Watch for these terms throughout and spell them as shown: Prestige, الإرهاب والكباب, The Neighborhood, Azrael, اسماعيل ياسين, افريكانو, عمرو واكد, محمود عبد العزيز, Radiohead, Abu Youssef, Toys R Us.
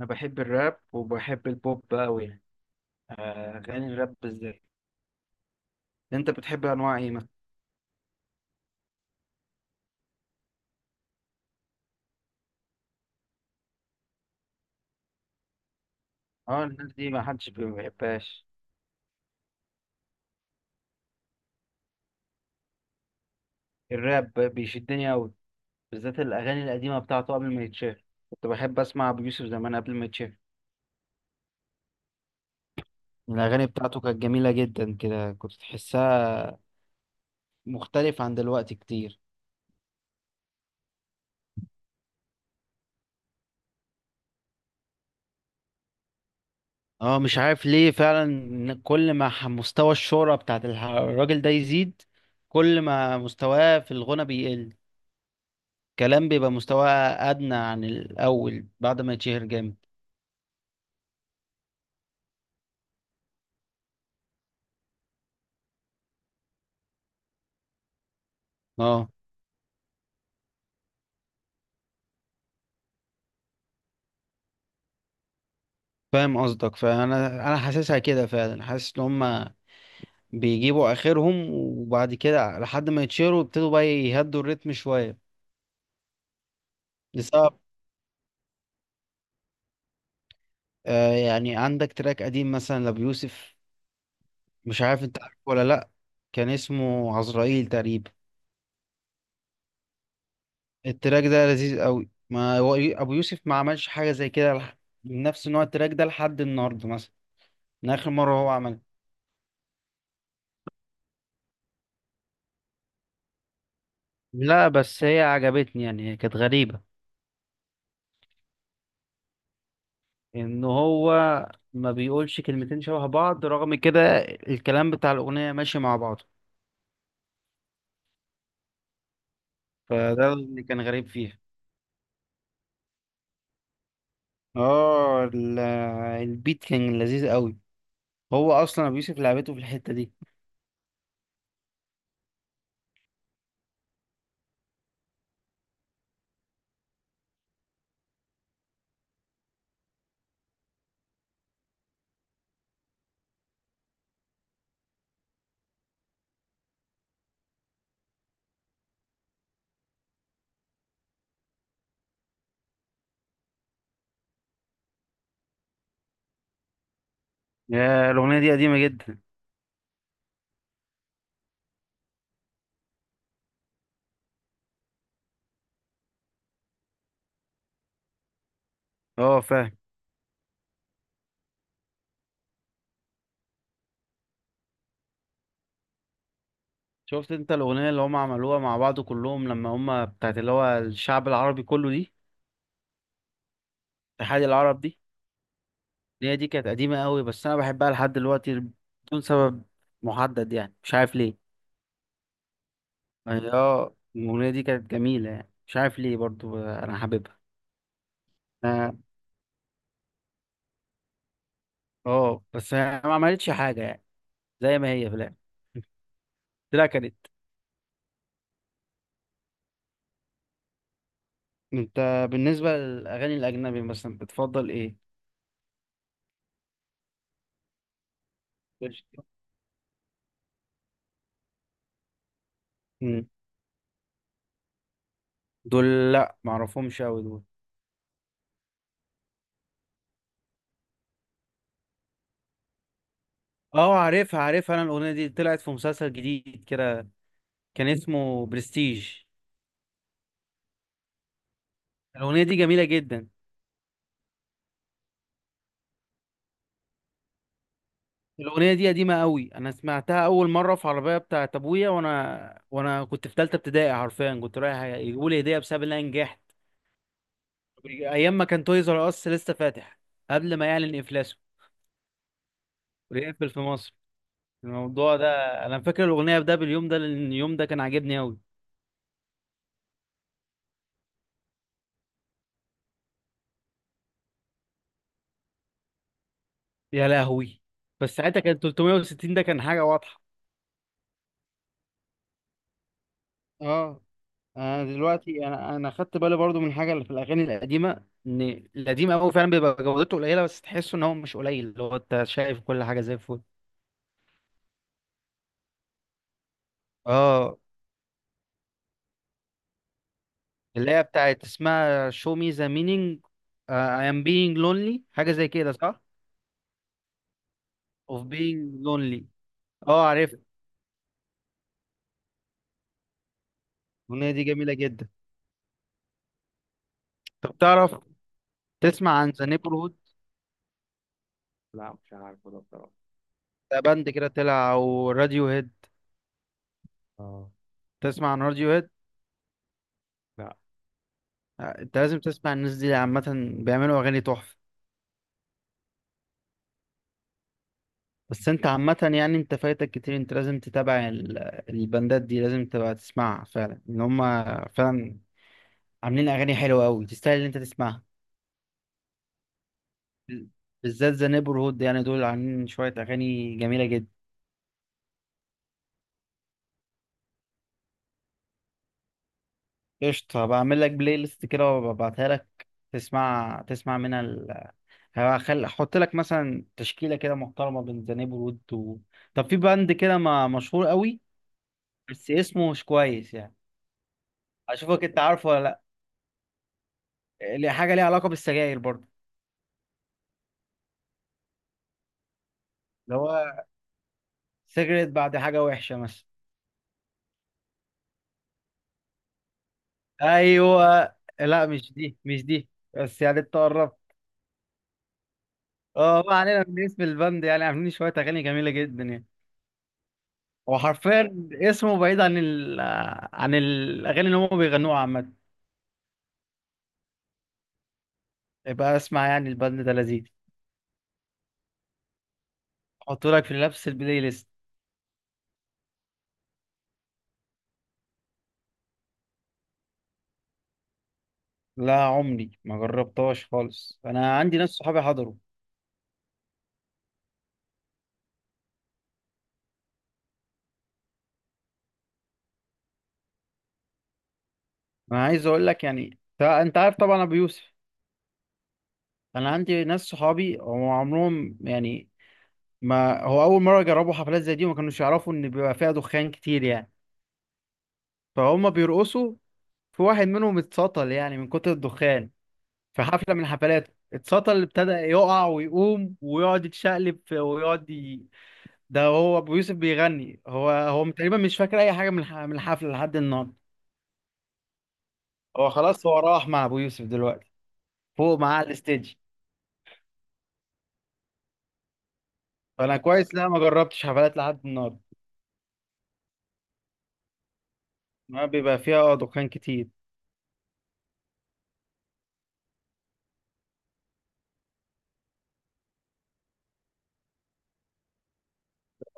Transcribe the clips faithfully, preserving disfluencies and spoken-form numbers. انا بحب الراب وبحب البوب قوي يعني. آه، اغاني الراب بالذات. انت بتحب انواع ايه مثلا؟ اه الناس دي ما حدش بي- ما بيحبهاش. الراب بيشدني قوي، بالذات الاغاني القديمه بتاعته قبل ما يتشهر. كنت بحب اسمع ابو يوسف زمان قبل ما يتشهر. الاغاني بتاعته كانت جميله جدا كده، كنت تحسها مختلف عن دلوقتي كتير. اه مش عارف ليه فعلا إن كل ما ح- مستوى الشهرة بتاعت الح- الراجل ده يزيد، كل ما مستواه في الغنى بيقل، كلام بيبقى مستواه ادنى عن الاول بعد ما يتشهر جامد. اه فاهم قصدك، فانا انا حاسسها كده فعلا، حاسس ان هم بيجيبوا اخرهم وبعد كده لحد ما يتشهروا يبتدوا بقى يهدوا الريتم شويه لسبب. آه يعني عندك تراك قديم مثلا لابيوسف، مش عارف انت عارفه ولا لا. كان اسمه عزرائيل تقريبا. التراك ده لذيذ قوي، ما هو يو- ابو يوسف ما عملش حاجه زي كده لح- نفس نوع التراك ده لحد النهارده مثلا من اخر مره هو عمل. لا بس هي عجبتني يعني، هي كانت غريبة. ان هو ما بيقولش كلمتين شبه بعض رغم كده الكلام بتاع الأغنية ماشي مع بعضه، فده اللي كان غريب فيها. اه ال- البيت كان لذيذ قوي، هو اصلا ابو يوسف لعبته في الحتة دي. يا الأغنية دي قديمة جدا. اه فاهم. شفت انت الأغنية اللي هم عملوها مع بعض كلهم لما هم بتاعت اللي هو الشعب العربي كله دي، اتحاد العرب دي؟ هي دي كانت قديمة قوي بس أنا بحبها لحد دلوقتي بدون سبب محدد يعني، مش عارف ليه. هي اه الأغنية دي كانت جميلة يعني، مش عارف ليه برضو أنا حاببها. اه، آه، بس هي ما عملتش حاجة يعني، زي ما هي في الآخر طلع كانت. أنت بالنسبة للأغاني الأجنبي مثلا بتفضل إيه؟ قشطة. مم. دول لأ معرفهمش أوي دول. اه عارفها عارفها، أنا الأغنية دي طلعت في مسلسل جديد كده، كان اسمه برستيج. الأغنية دي جميلة جدا. الأغنية دي قديمة قوي، أنا سمعتها أول مرة في عربية بتاعت أبويا وأنا وأنا كنت في تالتة ابتدائي حرفيا، كنت رايح يجيبوا لي هدية بسبب إن أنا نجحت أيام ما كان تويز آر أس لسه فاتح قبل ما يعلن إفلاسه ويقفل في مصر الموضوع ده. أنا فاكر الأغنية ده باليوم ده لأن اليوم ده كان عاجبني قوي. يا لهوي. بس ساعتها كان ثلاثمائة وستين ده كان حاجة واضحة. اه انا دلوقتي انا انا خدت بالي برضو من حاجه اللي في الاغاني القديمه ان القديم قوي فعلا بيبقى جودته قليله، بس تحسه ان هو مش قليل، اللي هو انت شايف كل حاجه زي الفل. اه اللي هي بتاعت اسمها show me the meaning. uh, I am being lonely حاجه زي كده صح؟ of being lonely. اه عارف. الاغنيه دي جميله جدا. طب تعرف تسمع عن ذا neighborhood؟ لا مش عارفه ده بصراحة. ده باند كده طلع او راديو هيد. اه، تسمع عن راديو هيد؟ لا. انت لازم تسمع الناس دي عامة، بيعملوا اغاني تحفة. بس انت عامة يعني انت فايتك كتير، انت لازم تتابع ال- البندات دي، لازم تبقى تسمعها فعلا ان هم فعلا عاملين اغاني حلوة قوي، تستاهل ان انت تسمعها. بالذات ذا نيبر هود يعني، دول عاملين شوية اغاني جميلة جدا. قشطة، بعمل لك بلاي ليست كده وببعتها لك. تسمع تسمع منها ال... هخل... احط لك مثلا تشكيلة كده محترمة بين ذا نيبر هود و... طب في باند كده ما... مشهور قوي بس اسمه مش كويس يعني، اشوفك انت عارفه ولا لا. اللي حاجه ليها علاقه بالسجاير برضه، اللي هو سيجرت بعد حاجه وحشه مثلا. ايوه، لا مش دي مش دي، بس يعني انت قربت. اه ما علينا من اسم البند، يعني عاملين شويه اغاني جميله جدا يعني. هو حرفيا اسمه بعيد عن ال... عن الاغاني اللي هم بيغنوها عامه. يبقى اسمع يعني البند ده لذيذ، احطه لك في نفس البلاي ليست. لا عمري ما جربتهاش خالص، انا عندي ناس صحابي حضروا. انا عايز اقول لك يعني، انت أنت عارف طبعا ابو يوسف. انا عندي ناس صحابي هم عمرهم يعني ما هو اول مره يجربوا حفلات زي دي وما كانوش يعرفوا ان بيبقى فيها دخان كتير يعني، فهم بيرقصوا. في واحد منهم اتسطل يعني من كتر الدخان في حفله من الحفلات، اتسطل ابتدى يقع ويقوم ويقعد يتشقلب في- ويقعد ي... ده هو ابو يوسف بيغني هو هو تقريبا مش فاكر اي حاجه من الح- من الحفله لحد النهارده. هو خلاص هو راح مع ابو يوسف دلوقتي، فوق معاه على الستيج. فانا كويس، لا ما جربتش حفلات لحد النهارده، ما بيبقى فيها دخان كتير.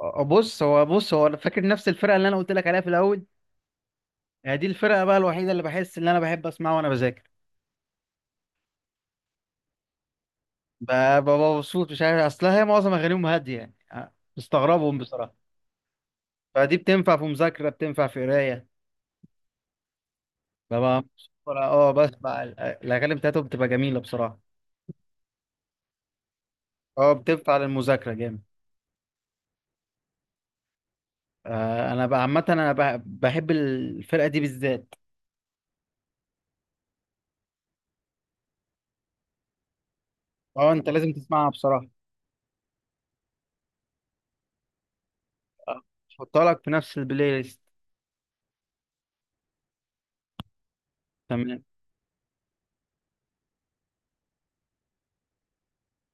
آه، بص هو بص هو انا فاكر نفس الفرقه اللي انا قلت لك عليها في الاول. هي دي الفرقه بقى الوحيده اللي بحس ان انا بحب اسمعها وانا بذاكر. ب- ببقى مبسوط، مش عارف اصلها، هي معظم اغانيهم هاديه يعني، أه، بستغربهم بصراحه، فدي بتنفع في مذاكره بتنفع في قرايه. ببقى مبسوط وأنا- اه بسمع ال- الاغاني بتاعتهم بتبقى جميله بصراحه، اه بتنفع للمذاكره جامد. آه، انا بقى عامه انا بح- بحب الفرقه دي بالذات. اه انت لازم تسمعها بصراحه. آه، هحطها لك في نفس البلاي ليست. تمام،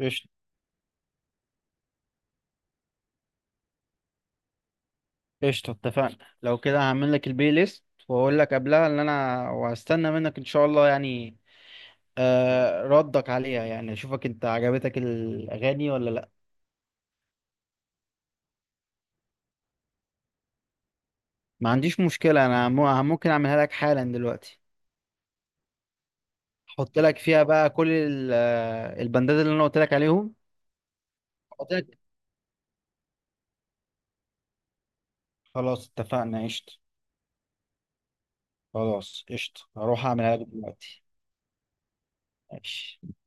قشطة. قشطة، اتفقنا. لو كده هعمل لك البلاي ليست واقول لك قبلها ان انا وهستنى منك ان شاء الله يعني، آه ردك عليها يعني اشوفك انت عجبتك الاغاني ولا لا. ما عنديش مشكلة، انا مو- ممكن اعملها لك حالا دلوقتي. احط لك فيها بقى كل ال- آه، البندات اللي انا قلت لك عليهم. قلت لك، خلاص اتفقنا قشطة. خلاص قشطة هروح اعملها لك دلوقتي. ماشي